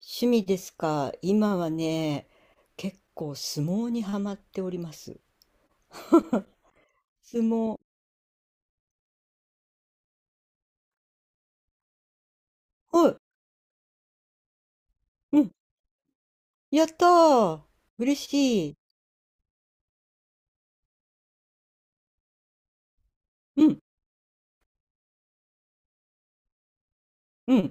趣味ですか。今はね、結構相撲にはまっております。相撲。はい。うん。やったー。嬉しい。うん。うん。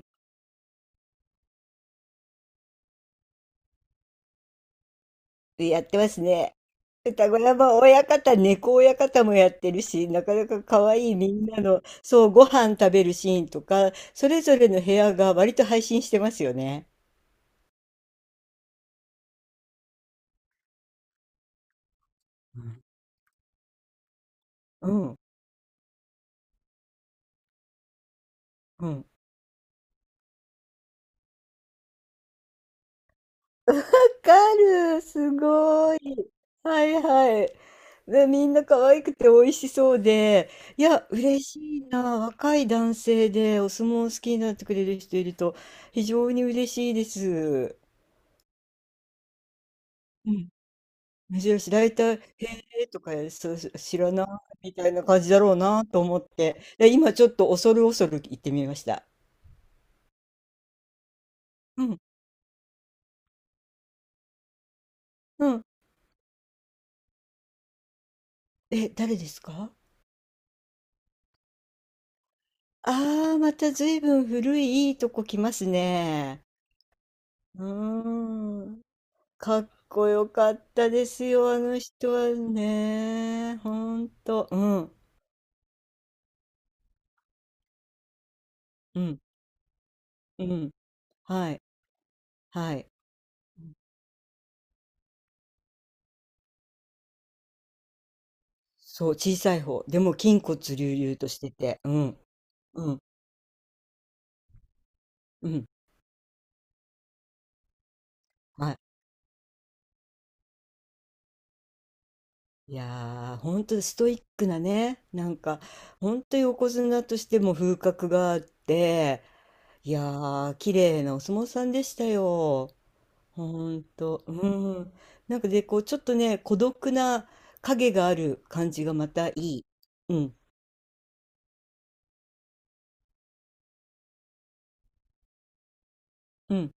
やってますね。歌子山親方、猫親方もやってるし、なかなか可愛いみんなの、そう、ご飯食べるシーンとか、それぞれの部屋が割と配信してますよね。うん。うん。うんかる、すごい。はいはい。で、みんな可愛くて美味しそうで、いや、嬉しいな。若い男性でお相撲好きになってくれる人いると、非常に嬉しいです。うん。珍しい。大体、へえとか、そう、知らないみたいな感じだろうなと思って、で、今ちょっと恐る恐る行ってみました。うん。うん。え、誰ですか？ああー、また随分古いいいとこ来ますね。うーん。かっこよかったですよ、あの人はね。ほんと。うん。うん。うん。はい。はい。そう、小さい方。でも、筋骨隆々としてて。うん。うん。うん。はい。いやー、ほんとストイックなね。なんか、ほんと横綱としても風格があって、いやー、綺麗なお相撲さんでしたよ。ほんと、うん。なんかで、こう、ちょっとね、孤独な影がある感じがまたいい。うん、うん。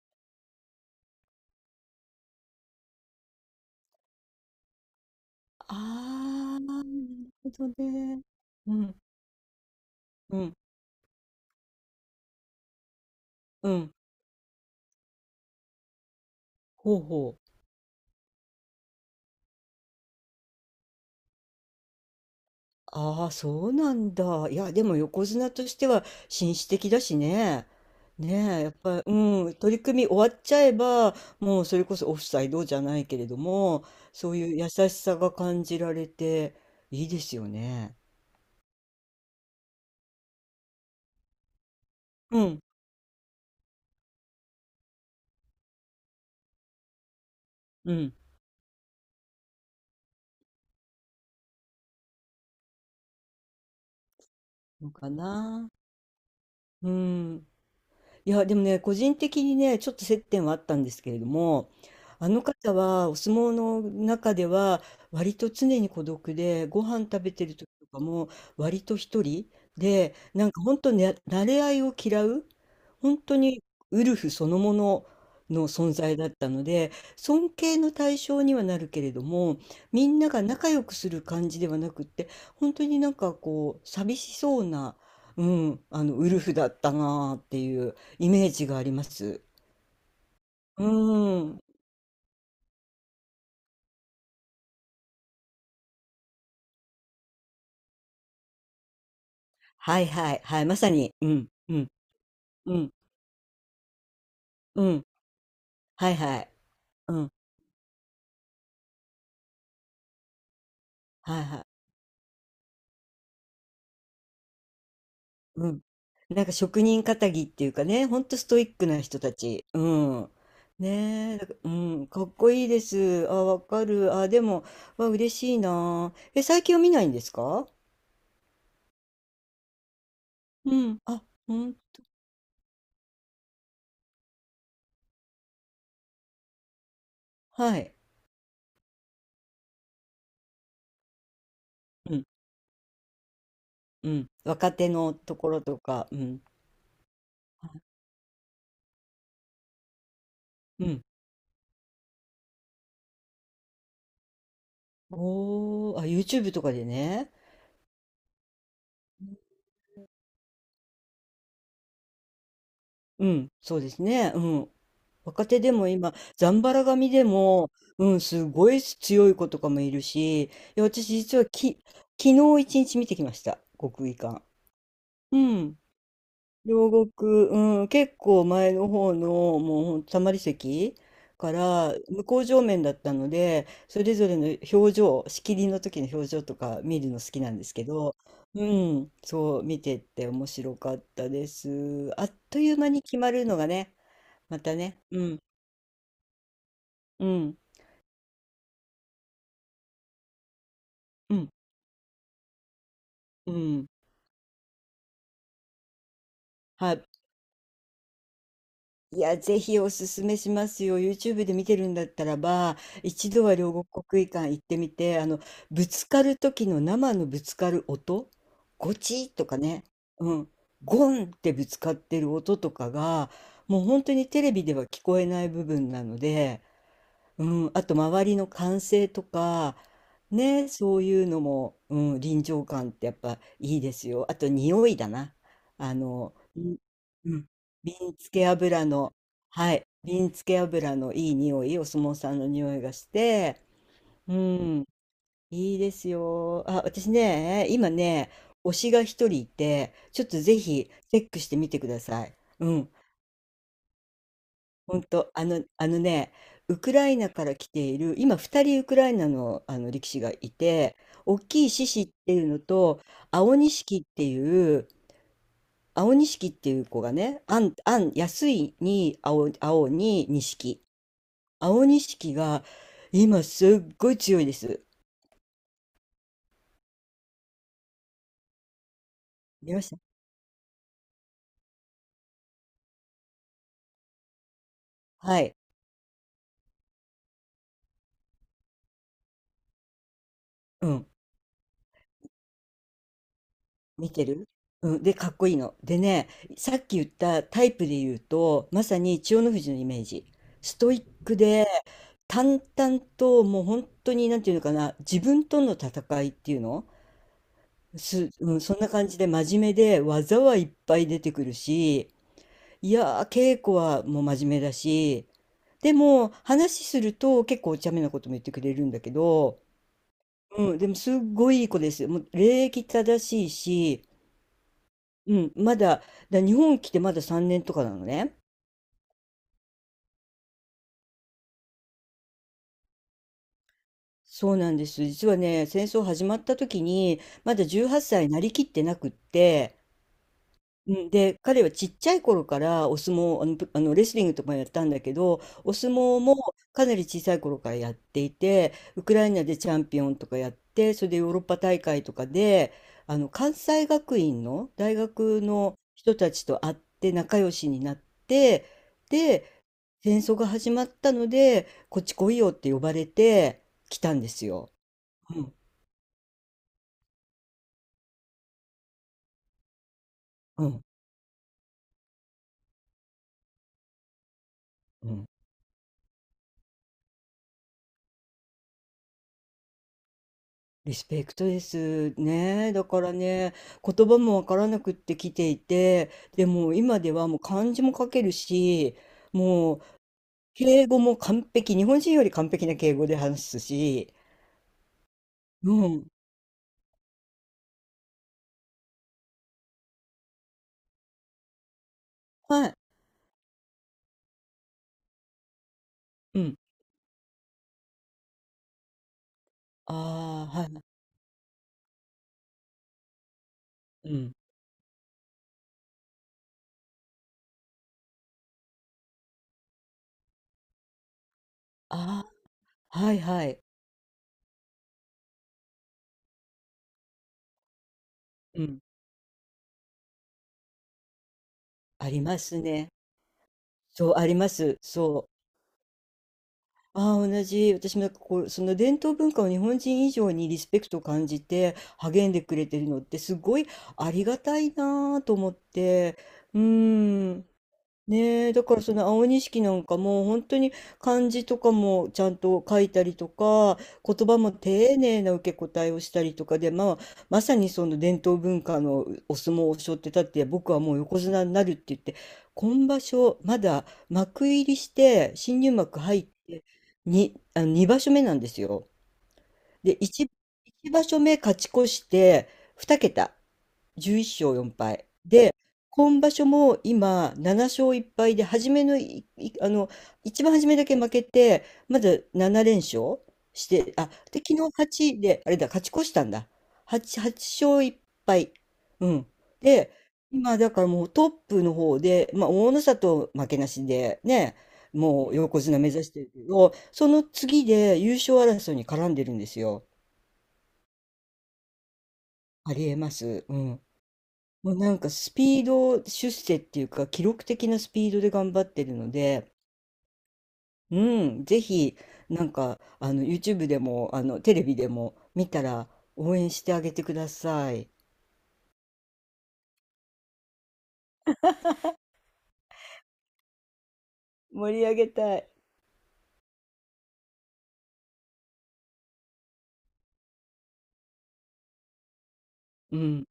あー、なるほどね。うん、うん、うん。ほうほう。ああ、そうなんだ。いや、でも横綱としては紳士的だしね。ねえ、やっぱり、うん、取り組み終わっちゃえば、もうそれこそオフサイドじゃないけれども、そういう優しさが感じられて、いいですよね。うん、うん。のかな。うん。いや、でもね、個人的にね、ちょっと接点はあったんですけれども、あの方はお相撲の中では割と常に孤独で、ご飯食べてる時とかも割と一人で、なんか本当ね、馴れ合いを嫌う、本当にウルフそのものの存在だったので、尊敬の対象にはなるけれども、みんなが仲良くする感じではなくって、本当になんかこう、寂しそうな、うん、あの、ウルフだったなあっていう。イメージがあります。うーん。はいはい、はい、まさに、うん、うん、うん、うん、はいはい、うん、はいはい、うん。なんか職人かたぎっていうかね、ほんとストイックな人たち。うん。ねえ、だからうん、かっこいいです。あ、わかる。あ、でも、わ、嬉しいな。え、最近は見ないんですか？うん。あ、うん。はい。うん。うん。若手のところとか。うん。はい。うん。おー、あ、YouTube とかでね。うん、そうですね。うん。若手でも今、ザンバラ髪でも、うん、すごい強い子とかもいるし、いや私実は昨日一日見てきました。国技館。うん。両国、うん、結構前の方の、もうほんとたまり席から、向こう正面だったので、それぞれの表情、仕切りの時の表情とか見るの好きなんですけど、うん、そう、見てって面白かったです。あっという間に決まるのがね、またね。うん。うん。うん。うん。はい。いや、ぜひおすすめしますよ。YouTube で見てるんだったらば、一度は両国国技館行ってみて、あの、ぶつかる時の生のぶつかる音、ゴチッとかね、うん、ゴンってぶつかってる音とかが、もう本当にテレビでは聞こえない部分なので、うん、あと周りの歓声とか、ね、そういうのも、うん、臨場感ってやっぱいいですよ。あと匂いだな。あの、うん、瓶付け油の、はい、瓶付け油のいい匂い、お相撲さんの匂いがして、うん、いいですよ。あ、私ね、今ね、推しが一人いて、ちょっとぜひチェックしてみてください。うん。ほんと、あの、あのね、ウクライナから来ている、今2人ウクライナの、あの力士がいて、大きい獅子っていうのと、青錦っていう、青錦っていう子がね、あん、あん、安いに青、青に錦。青錦が今すっごい強いです。見ました。はい。うん。見てる。うん、で、かっこいいの。でね、さっき言ったタイプで言うと、まさに千代の富士のイメージ。ストイックで、淡々と、もう本当に、なんていうのかな、自分との戦いっていうのす、うん、そんな感じで真面目で、技はいっぱい出てくるし、いやー、稽古はもう真面目だし、でも、話すると結構お茶目なことも言ってくれるんだけど、うん、でもすっごいいい子ですよ。もう礼儀正しいし、うん、まだ、日本来てまだ3年とかなのね。そうなんです。実はね、戦争始まった時に、まだ18歳なりきってなくって、うん、で、彼はちっちゃい頃からお相撲、あの、ぷあのレスリングとかもやったんだけど、お相撲もかなり小さい頃からやっていて、ウクライナでチャンピオンとかやって、それでヨーロッパ大会とかで、あの、関西学院の大学の人たちと会って仲良しになって、で戦争が始まったので、こっち来いよって呼ばれて来たんですよ。うん、うん、うん。リスペクトです。ね、だからね、言葉もわからなくって来ていて、でも今ではもう漢字も書けるし、もう敬語も完璧、日本人より完璧な敬語で話すし、うん、はい、うん、ああ、はい、うん、ああ、はいはい、うん、ありますね。そう、あります。そう。ああ、同じ。私もなんかこう、その伝統文化を日本人以上にリスペクトを感じて励んでくれてるのってすごいありがたいなあと思って。うーん。ねえ、だからその青錦なんかもう本当に漢字とかもちゃんと書いたりとか、言葉も丁寧な受け答えをしたりとかで、まあ、まさにその伝統文化のお相撲を背負ってたって、僕はもう横綱になるって言って、今場所まだ幕入りして新入幕入ってにあの2場所目なんですよ。で、1、一場所目勝ち越して2桁、11勝4敗。今場所も今、7勝1敗で、初めのい、いあの、一番初めだけ負けて、まだ7連勝して、あ、で、昨日8で、あれだ、勝ち越したんだ。8、8勝1敗。うん。で、今、だからもうトップの方で、まあ、大の里負けなしで、ね、もう横綱目指してるけど、その次で優勝争いに絡んでるんですよ。ありえます。うん。もうなんかスピード出世っていうか記録的なスピードで頑張ってるので、うん、ぜひなんかあの YouTube でもあのテレビでも見たら応援してあげてください。盛り上げたい。うん、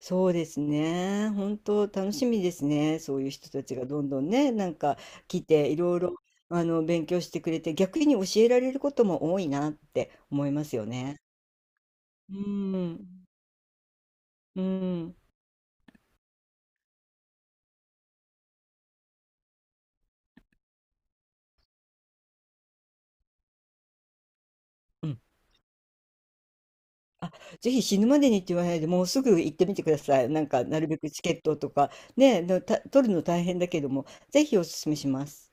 そうですね。本当楽しみですね。そういう人たちがどんどんね、なんか来ていろいろあの勉強してくれて逆に教えられることも多いなって思いますよね。うん、うん、うん。あ、ぜひ死ぬまでにって言わないで、もうすぐ行ってみてください。なんか、なるべくチケットとか、ね、取るの大変だけども、ぜひお勧めします。